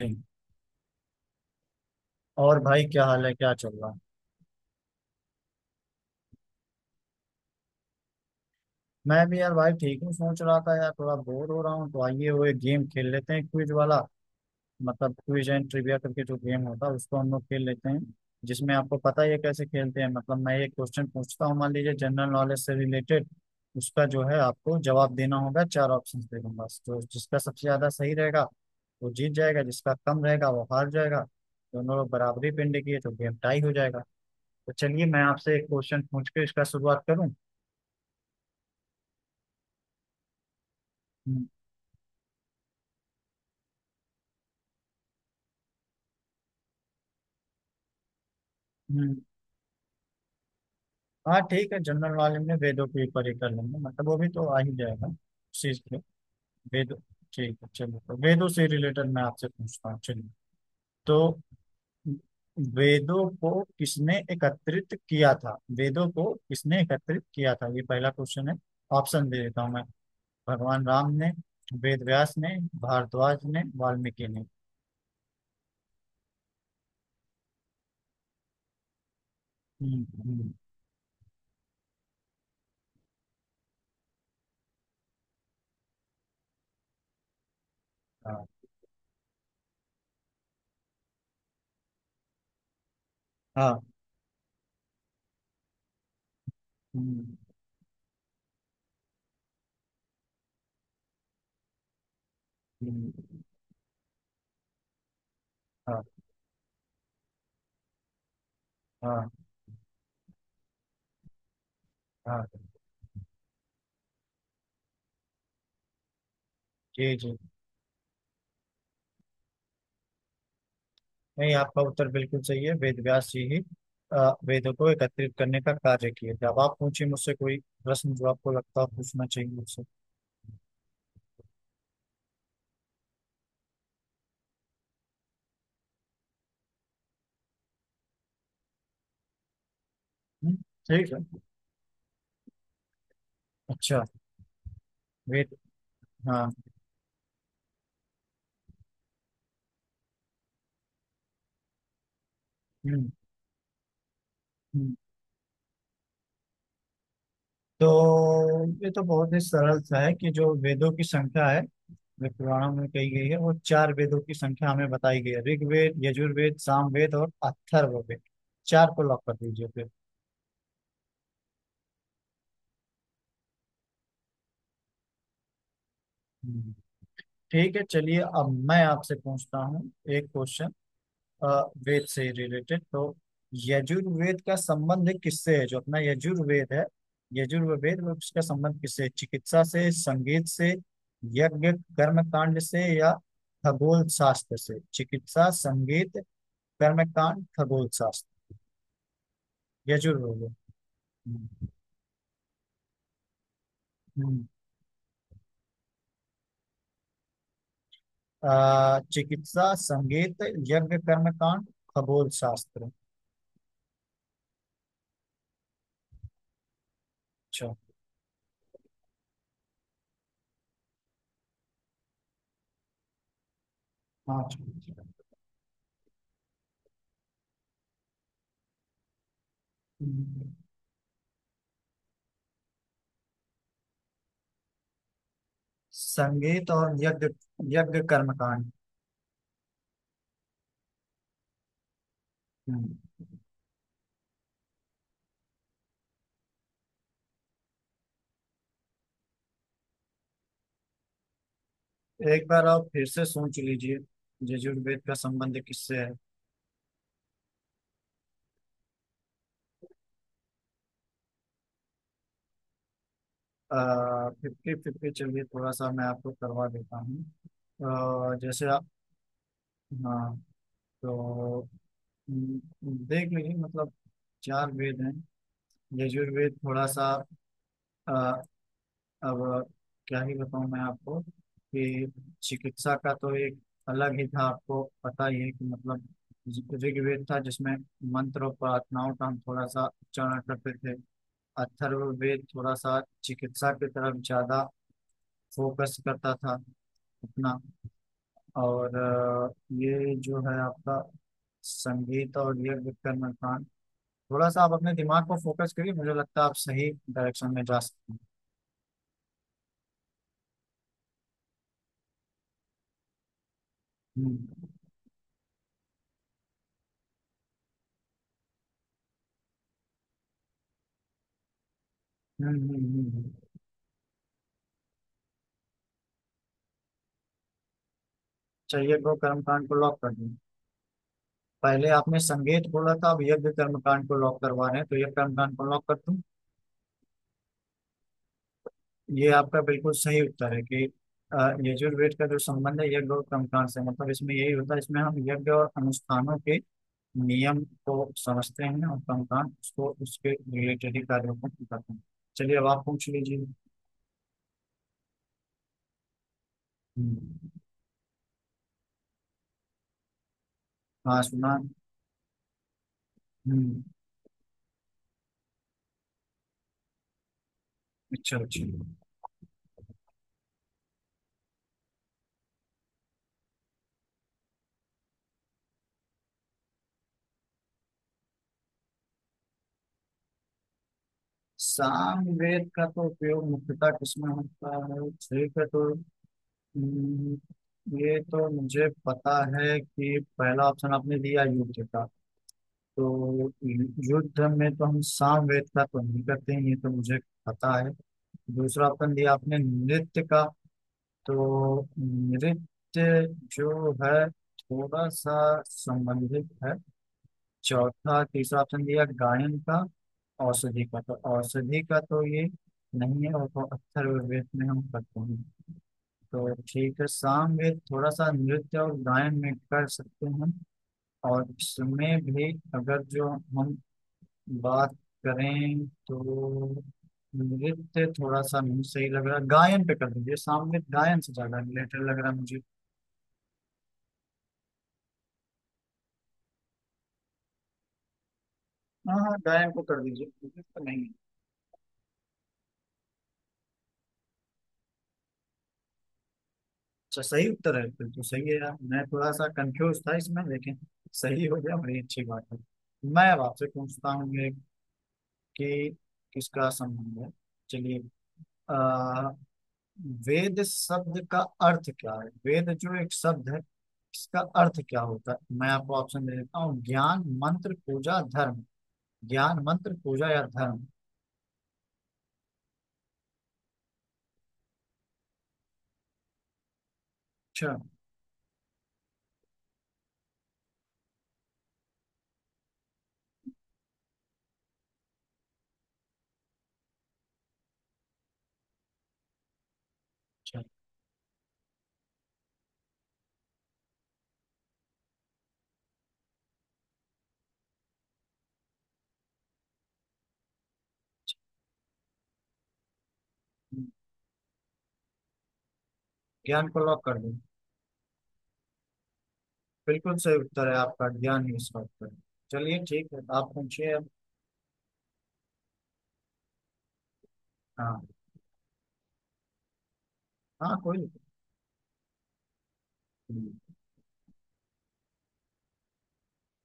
ठीक। और भाई क्या हाल है? क्या चल रहा है? मैं भी यार भाई ठीक हूँ। सोच रहा था यार थोड़ा बोर हो रहा हूँ, तो आइए वो एक गेम खेल लेते हैं, क्विज वाला। मतलब क्विज एंड ट्रिविया करके जो गेम होता है उसको हम लोग खेल लेते हैं। जिसमें आपको पता ही है कैसे खेलते हैं, मतलब मैं एक क्वेश्चन पूछता हूँ, मान लीजिए जनरल नॉलेज से रिलेटेड। उसका जो है आपको जवाब देना होगा, चार ऑप्शन दे दूंगा, तो जिसका सबसे ज्यादा सही रहेगा वो जीत जाएगा, जिसका कम रहेगा वो हार जाएगा। दोनों लोग बराबरी पिंड किए तो गेम टाई हो जाएगा। तो चलिए मैं आपसे एक क्वेश्चन पूछ के इसका शुरुआत करूँ। हम्म। हम्म। हाँ ठीक है, जनरल वाले में वेदों के ऊपर ही कर लेंगे, मतलब वो भी तो आ ही जाएगा चीज पे। वेद। ठीक है चलिए, तो वेदों से रिलेटेड मैं आपसे पूछता हूँ। चलिए तो वेदों को किसने एकत्रित किया था? वेदों को किसने एकत्रित किया था, ये पहला क्वेश्चन है। ऑप्शन दे देता हूँ मैं। भगवान राम ने, वेद व्यास ने, भारद्वाज ने, वाल्मीकि ने। हम्म, हम्म, हाँ। हाँ। हम्म, हम्म, हाँ। हाँ। हाँ। जी जी। नहीं आपका उत्तर बिल्कुल सही है, वेद व्यास जी ही अ, वेदों को एकत्रित करने का कार्य किए थे। अब आप पूछिए मुझसे कोई प्रश्न जो आपको लगता है पूछना चाहिए मुझसे। हम्म, ठीक है। अच्छा। वेद। हाँ। हम्म हम्म। तो ये तो बहुत ही सरल सा है कि जो वेदों की संख्या है जो पुराणों में कही गई है, वो चार वेदों की संख्या हमें बताई गई है: ऋग्वेद, यजुर्वेद, सामवेद और अथर्ववेद। चार को लॉक कर दीजिए फिर। हम्म। ठीक है चलिए अब मैं आपसे पूछता हूँ एक क्वेश्चन अ, वेद से ही रिलेटेड। तो यजुर्वेद का संबंध किससे है? जो अपना यजुर्वेद है, यजुर्वेद में उसका संबंध किससे है? चिकित्सा से, संगीत से, यज्ञ कर्म कांड से, या खगोल शास्त्र से? चिकित्सा, संगीत, कर्म कांड, खगोल शास्त्र। यजुर्वेद। हम्म, हम्म। चिकित्सा, संगीत, यज्ञ कर्म कांड, खगोल शास्त्र। अच्छा। हाँ। हम्म। संगीत और यज्ञ। यज्ञ कर्म कांड। एक बार आप फिर से सोच लीजिए, यजुर्वेद का संबंध किससे है? फिफ्टी फिफ्टी चलिए थोड़ा सा मैं आपको करवा देता हूँ। जैसे आप। हाँ। तो हम्म, देख लीजिए, मतलब चार वेद हैं। यजुर्वेद थोड़ा सा अ, अब क्या ही बताऊँ मैं आपको कि चिकित्सा का तो एक अलग ही था, आपको पता ही है कि मतलब ऋग्वेद था जिसमें मंत्र और प्रार्थनाओं का हम थोड़ा सा उच्चारण करते थे। अथर्ववेद थोड़ा सा चिकित्सा की तरफ ज्यादा फोकस करता था अपना। और ये जो है आपका संगीत और ये विक्रम कांड, थोड़ा सा आप अपने दिमाग को फोकस करिए, मुझे लगता है आप सही डायरेक्शन में जा सकते हैं। हम्म हम्म। हम्म। चाहिए को कर्मकांड को लॉक कर दूं? पहले आपने संगीत बोला था, अब यज्ञ कर्मकांड को लॉक करवा रहे हैं, तो यज्ञ कर्मकांड को लॉक कर दूं। ये आपका बिल्कुल सही उत्तर है कि अ, यजुर्वेद का जो संबंध है यज्ञ और कर्मकांड से, मतलब इसमें यही होता है, इसमें हम यज्ञ और अनुष्ठानों के नियम को समझते हैं, और कर्मकांड उसको, उसके रिलेटेड ही कार्यों को करते हैं। चलिए अब आप पूछ लीजिए। हम्म, हाँ सुना। हम्म। अच्छा अच्छा। सामवेद का तो उपयोग मुख्यतः किसमें होता है, ठीक है। तो हम्म, ये तो मुझे पता है कि पहला ऑप्शन आपने दिया युद्ध का, तो युद्ध में तो हम साम वेद का तो नहीं करते हैं, ये तो मुझे पता है। दूसरा ऑप्शन दिया आपने नृत्य का, तो नृत्य जो है थोड़ा सा संबंधित है। चौथा, तीसरा ऑप्शन दिया गायन का। औषधि का, तो औषधि का तो ये नहीं है, और तो अथर्ववेद में हम करते हैं। तो ठीक है, सामवेद थोड़ा सा नृत्य और गायन में कर सकते हैं, और इसमें भी अगर जो हम बात करें तो नृत्य थोड़ा सा नहीं सही लग रहा, गायन पे कर दीजिए, सामने गायन से ज्यादा रिलेटेड लग रहा है मुझे। हाँ हाँ, गायन को कर दीजिए, नृत्य नहीं। अच्छा सही उत्तर है? फिर तो सही है यार, मैं थोड़ा सा कंफ्यूज था इसमें, लेकिन सही हो गया, बड़ी अच्छी बात है। मैं अब आपसे पूछता हूँ ये कि किसका संबंध है। चलिए अ, वेद शब्द का अर्थ क्या है? वेद जो एक शब्द है इसका अर्थ क्या होता है? मैं आपको ऑप्शन दे देता हूँ: ज्ञान, मंत्र, पूजा, धर्म। ज्ञान, मंत्र, पूजा या धर्म? अच्छा अच्छा। ज्ञान को लॉक कर दो। बिल्कुल सही उत्तर है आपका, ज्ञान ही इसका उत्तर है। चलिए ठीक है, आप पूछिए अब। हाँ। हाँ कोई दिक्कत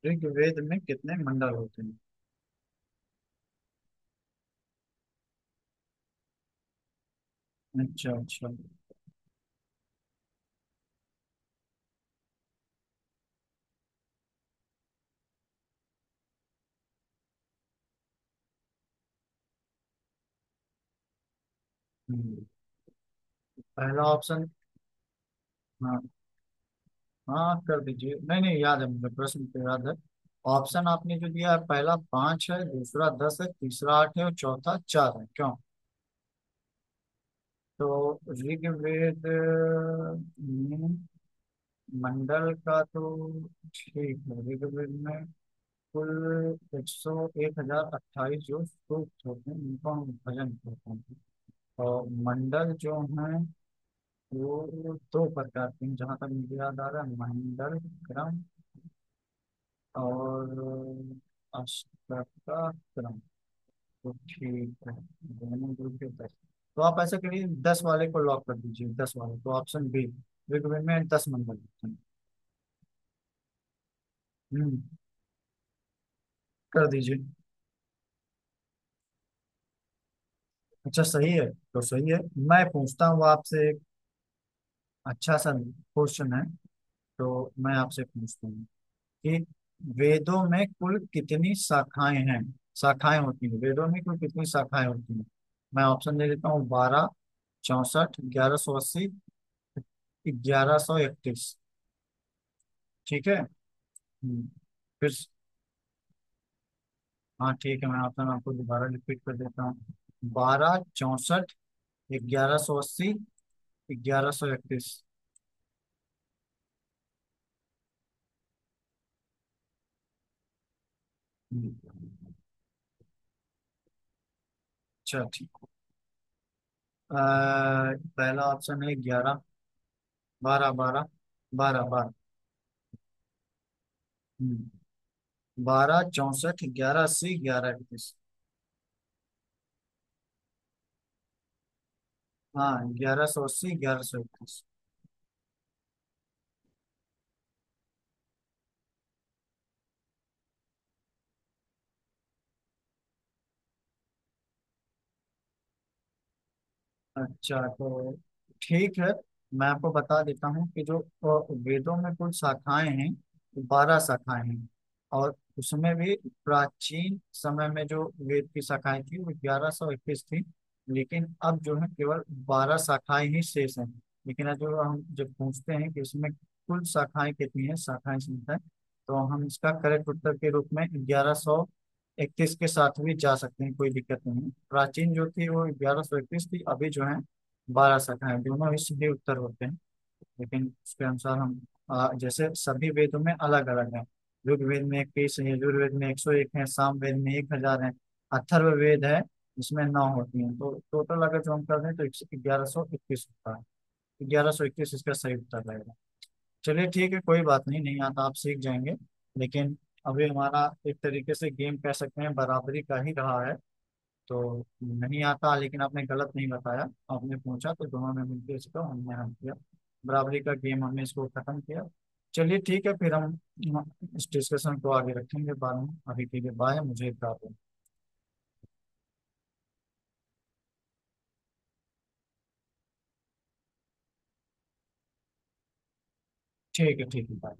नहीं। ऋग्वेद में कितने मंडल होते हैं? अच्छा अच्छा। हम्म। पहला ऑप्शन। हाँ हाँ कर दीजिए, नहीं नहीं याद है मुझे, प्रश्न तो याद है। ऑप्शन आपने जो दिया है पहला पांच है, दूसरा दस है, तीसरा आठ है, और चौथा चार है, क्यों? तो ऋग्वेद में मंडल का तो ठीक है, ऋग्वेद में कुल एक सौ एक हजार अट्ठाईस जो सूक्त होते हैं उनको हम भजन कहते हैं, और मंडल जो हैं वो दो प्रकार के हैं जहाँ तक मुझे याद आ रहा है: मंडल क्रम और अष्टोत्तरम। तो ठीक है, दोनों ग्रुप के दस। तो आप ऐसा करिए दस वाले को लॉक कर दीजिए, दस वाले को, ऑप्शन बी, ऋग्वेद में, दस नंबर लिखते हैं। हम्म कर दीजिए। अच्छा सही है? तो सही है। मैं पूछता हूँ आपसे एक अच्छा सा क्वेश्चन है तो। मैं आपसे पूछता हूँ कि वेदों में कुल कितनी शाखाएं हैं? शाखाएं होती हैं वेदों में कुल कितनी शाखाएं होती हैं? मैं ऑप्शन दे देता हूँ: बारह, 64, 1180, 1131। ठीक है। हम्म, फिर। हाँ ठीक है, मैं आपका नाम आपको दोबारा रिपीट कर देता हूँ: 12, 64 ग्यारह सौ अस्सी, ग्यारह सौ इकतीस। हम्म, अच्छा ठीक। अ, पहला ऑप्शन है ग्यारह, बारह बारह, बारह बारह। हम्म, बारह, चौसठ, 11 80, 11 31। हाँ, 1180, ग्यारह सौ इकतीस। अच्छा, तो ठीक है, मैं आपको बता देता हूँ कि जो वेदों में कुल शाखाएं हैं 12 शाखाएं हैं, और उसमें भी प्राचीन समय में जो वेद की शाखाएं थी वो 1121 थी, लेकिन अब जो है केवल 12 शाखाएं ही शेष हैं। लेकिन आज जो हम जब पूछते हैं कि इसमें कुल शाखाएं कितनी हैं, शाखाएं संख्या, तो हम इसका करेक्ट उत्तर के रूप में 1131 के साथ भी जा सकते हैं, कोई दिक्कत नहीं। प्राचीन जो थी वो 1131 थी, अभी जो है 1200 है, दोनों ही सीधे उत्तर होते हैं। लेकिन उसके अनुसार हम जैसे सभी वेदों में अलग अलग है। ऋग्वेद में 21 है, यजुर्वेद में 101 है, सामवेद में 1000 है, अथर्व वेद है इसमें नौ होती हैं, तो टोटल अगर जो हम कर दें तो 1121 होता है, 1121 इसका सही उत्तर रहेगा। चलिए ठीक है कोई बात नहीं, नहीं आता आप सीख जाएंगे, लेकिन अभी हमारा एक तरीके से गेम कह सकते हैं बराबरी का ही रहा है। तो नहीं आता लेकिन आपने गलत नहीं बताया, आपने पूछा तो दोनों ने मिलकर इसको हमने हल किया, बराबरी का गेम हमने इसको खत्म किया। चलिए ठीक है, फिर हम इस डिस्कशन को आगे रखेंगे बाद में, अभी के लिए बाय, मुझे एक काम है। ठीक है ठीक है, बाय।